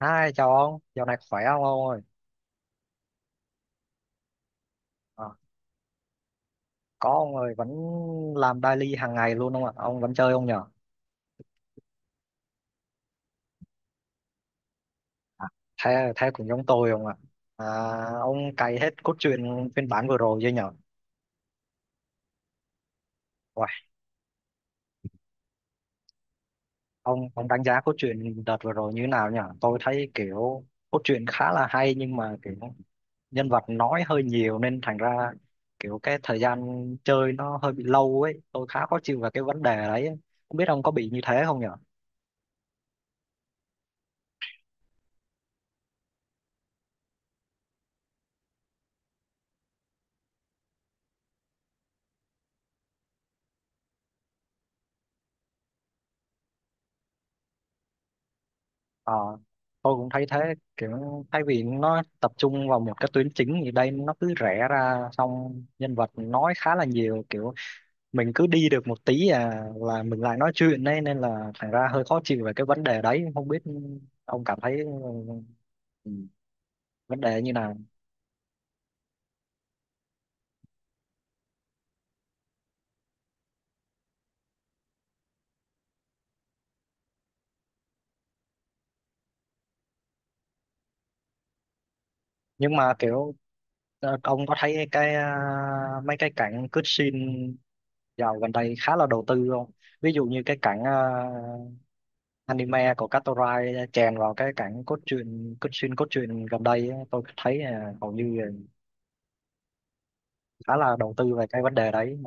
Hai chào ông, dạo này khỏe không ông ơi? Ờ, có ông ơi, vẫn làm daily hàng ngày luôn không ạ? Ông vẫn chơi không nhở? À, thế thế cũng giống tôi không ạ? À, ông cày hết cốt truyện phiên bản vừa rồi chưa nhở? Uầy, ông đánh giá cốt truyện đợt vừa rồi như thế nào nhở? Tôi thấy kiểu cốt truyện khá là hay, nhưng mà kiểu nhân vật nói hơi nhiều nên thành ra kiểu cái thời gian chơi nó hơi bị lâu ấy. Tôi khá khó chịu về cái vấn đề đấy. Không biết ông có bị như thế không nhở? Ờ, tôi cũng thấy thế, kiểu thay vì nó tập trung vào một cái tuyến chính thì đây nó cứ rẽ ra, xong nhân vật nói khá là nhiều, kiểu mình cứ đi được một tí à là mình lại nói chuyện đấy, nên là thành ra hơi khó chịu về cái vấn đề đấy. Không biết ông cảm thấy ừ, vấn đề như nào. Nhưng mà kiểu ông có thấy cái mấy cái cảnh cướp scene dạo gần đây khá là đầu tư không? Ví dụ như cái cảnh anime của Katorai chèn vào cái cảnh cốt truyện gần đây á, tôi thấy hầu như là khá là đầu tư về cái vấn đề đấy.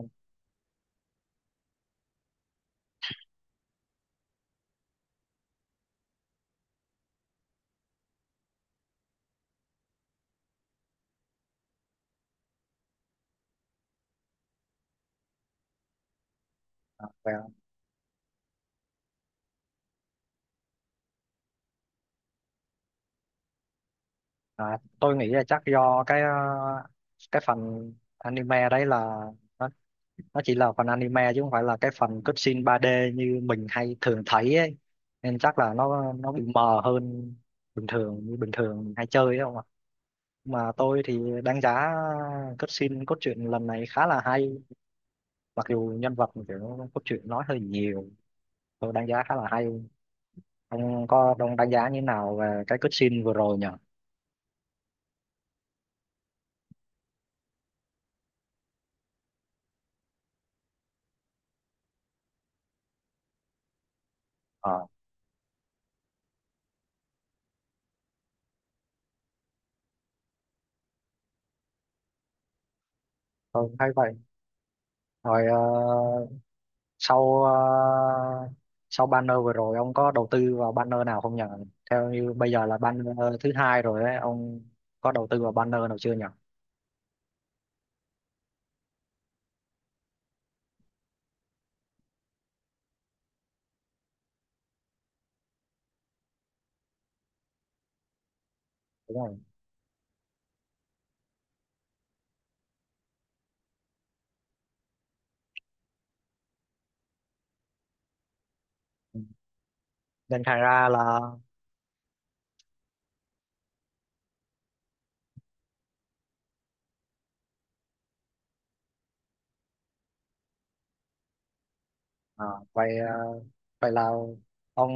à, và, tôi nghĩ là chắc do cái cái phần anime đấy là nó, nó chỉ là phần anime chứ không phải là cái phần cutscene 3D như mình hay thường thấy ấy. Nên chắc là nó bị mờ hơn bình thường, như bình thường mình hay chơi ấy không ạ. Mà tôi thì đánh giá cutscene cốt truyện lần này khá là hay, mặc dù nhân vật kiểu cốt truyện nói hơi nhiều, tôi đánh giá khá là hay. Ông đánh giá như thế nào về cái cutscene vừa rồi nhỉ? Ờ, tôi cũng thấy vậy. Rồi sau ờ, sau banner vừa rồi ông có đầu tư vào banner nào không nhỉ? Theo như bây giờ là banner thứ hai rồi ấy ông, có đầu tư vào banner nào chưa nhỉ? Đúng rồi. Ừ, nên thành ra là ờ, vậy ờ, vậy là ông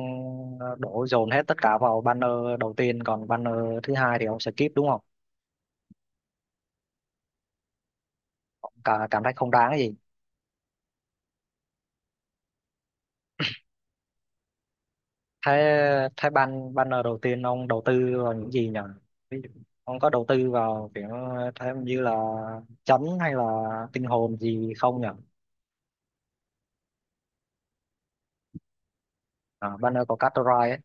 đổ dồn hết tất cả vào banner đầu tiên, còn banner thứ hai thì ông skip đúng không? Cảm thấy không đáng cái gì. Thế thế ban banner đầu tiên ông đầu tư vào những gì nhỉ? Ví dụ, ông có đầu tư vào kiểu thế như là chấn hay là tinh hồn gì không nhỉ? À, banner của Catorai ấy.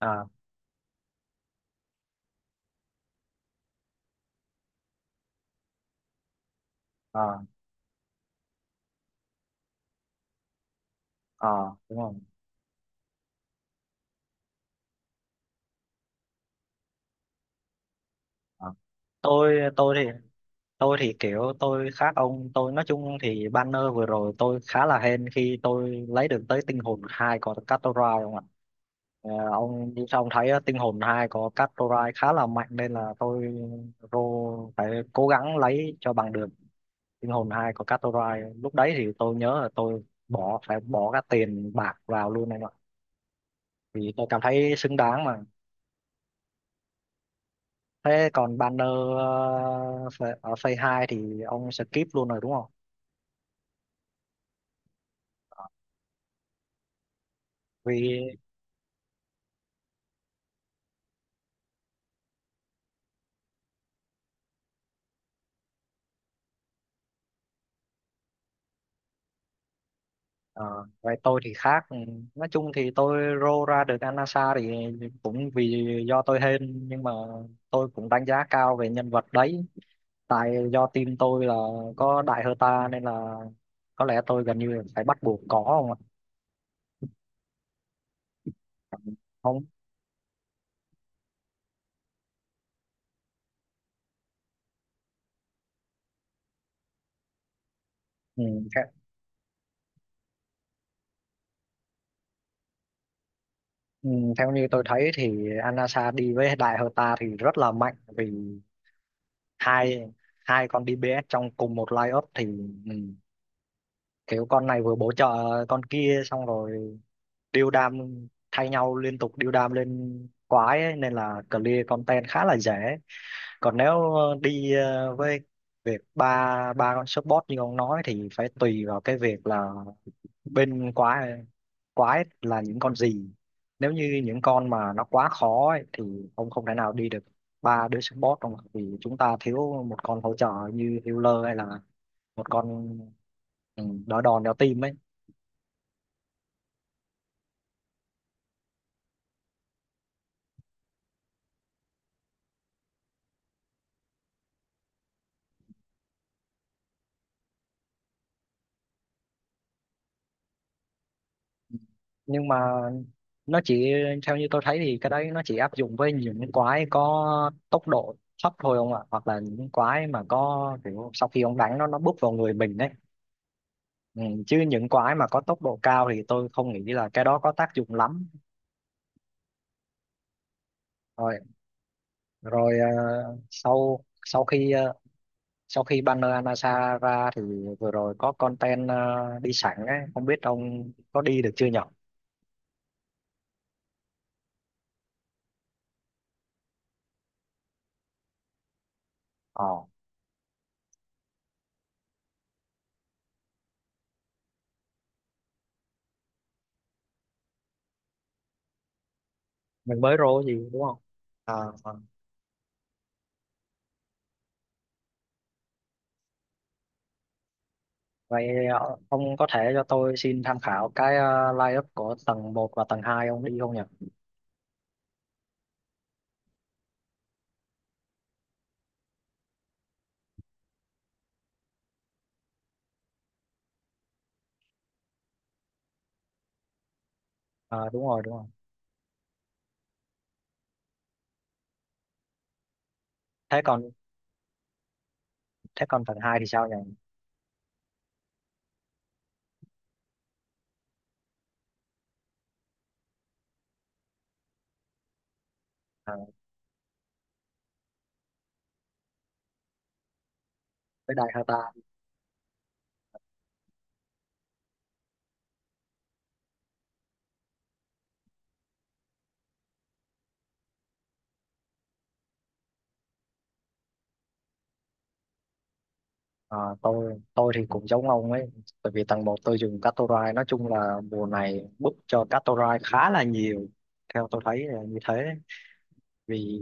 À, à, à, đúng không. À. tôi tôi thì tôi thì kiểu tôi khác ông, tôi nói chung thì banner vừa rồi tôi khá là hên khi tôi lấy được tới tinh hồn hai của Catorai không ạ. Ờ, ông thấy tinh hồn 2 có cắt torai khá là mạnh, nên là tôi rô phải cố gắng lấy cho bằng được tinh hồn 2 có cắt torai. Lúc đấy thì tôi nhớ là tôi phải bỏ các tiền bạc vào luôn này ạ, vì tôi cảm thấy xứng đáng mà. Thế còn banner ở phase 2 thì ông skip luôn rồi đúng không? Vì. Ờ, vậy tôi thì khác. Ừ, nói chung thì tôi rô ra được Anasa thì cũng vì do tôi hên, nhưng mà tôi cũng đánh giá cao về nhân vật đấy, tại do team tôi là có đại Herta, nên là có lẽ tôi gần như là phải bắt buộc có không ạ. Không. ừ, theo, ừ, Theo như tôi thấy thì Anasa đi với đại Herta thì rất là mạnh, vì hai hai con DPS trong cùng một lineup thì ừ, kiểu con này vừa bổ trợ con kia, xong rồi điêu đam thay nhau liên tục, điêu đam lên quái ấy, nên là clear content khá là dễ. Còn nếu với việc ba ba con support như ông nói thì phải tùy vào cái việc là bên quái quái là những con gì. Nếu như những con mà nó quá khó ấy thì ông không thể nào đi được ba đứa support đâu mà, vì chúng ta thiếu một con hỗ trợ như healer hay là một con đỡ đòn đỡ tim ấy. Nhưng mà nó chỉ, theo như tôi thấy thì cái đấy nó chỉ áp dụng với những quái có tốc độ thấp thôi ông ạ, hoặc là những quái mà có kiểu sau khi ông đánh nó búp vào người mình đấy. Ừ, chứ những quái mà có tốc độ cao thì tôi không nghĩ là cái đó có tác dụng lắm. Rồi rồi ờ, sau sau khi ờ, sau khi banner Anasa ra thì vừa rồi có content đi sẵn ấy, không biết ông có đi được chưa nhở? Ờ, mình mới rô gì đúng không. À, vậy ông có thể cho tôi xin tham khảo cái line up của tầng một và tầng 2 ông đi không nhỉ? Ờ, đúng rồi, đúng rồi. Thế còn thế còn tầng 2 thì sao nhỉ? Ờ, với Đại Hà ta. Ờ, tôi thì cũng giống ông ấy, bởi vì tầng một tôi dùng Catorai, nói chung là mùa này book cho Catorai khá là nhiều. Theo tôi thấy là như thế. Vì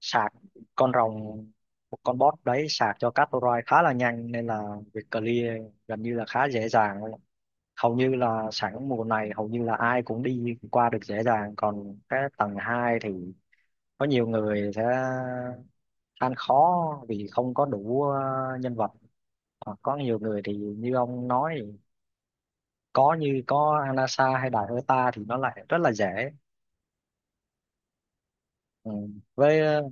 sạc con rồng, một con boss đấy sạc cho các roi khá là nhanh, nên là việc clear gần như là khá dễ dàng luôn. Hầu như là sẵn mùa này hầu như là ai cũng đi qua được dễ dàng. Còn cái tầng 2 thì có nhiều người sẽ ăn khó vì không có đủ nhân vật. Hoặc có nhiều người thì như ông nói, có như có Anasa hay Đại Hơ Ta thì nó lại rất là dễ. Ừ, với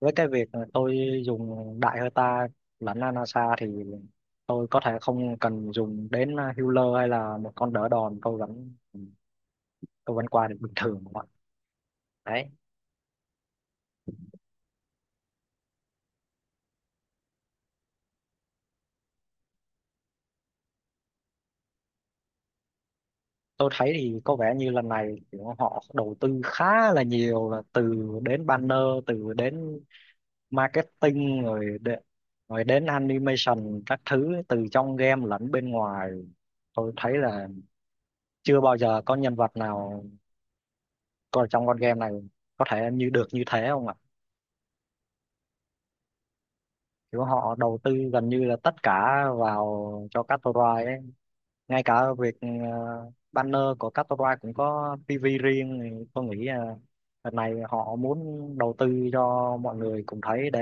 với cái việc mà tôi dùng đại hơi ta lẫn Anasa thì tôi có thể không cần dùng đến healer hay là một con đỡ đòn, tôi vẫn qua được bình thường các bạn. Đấy, tôi thấy thì có vẻ như lần này kiểu họ đầu tư khá là nhiều, là từ đến banner, từ đến marketing, rồi đến animation các thứ, từ trong game lẫn bên ngoài. Tôi thấy là chưa bao giờ có nhân vật nào còn trong con game này có thể như được như thế không ạ. Kiểu họ đầu tư gần như là tất cả vào cho counter ấy, ngay cả việc banner của counter cũng có PV riêng, thì tôi nghĩ là lần này họ muốn đầu tư cho mọi người cùng thấy, để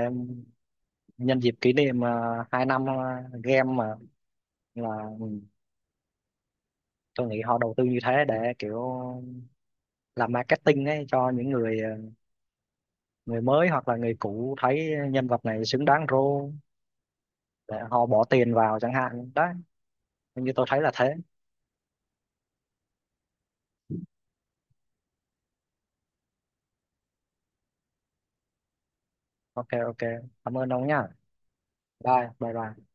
nhân dịp kỷ niệm hai năm game mà, là ừ, tôi nghĩ họ đầu tư như thế để kiểu làm marketing ấy, cho những người người mới hoặc là người cũ thấy nhân vật này xứng đáng role để họ bỏ tiền vào chẳng hạn đấy. Như tôi thấy là thế. Ok, ok, cảm ơn ông nhá. Bye bye bye.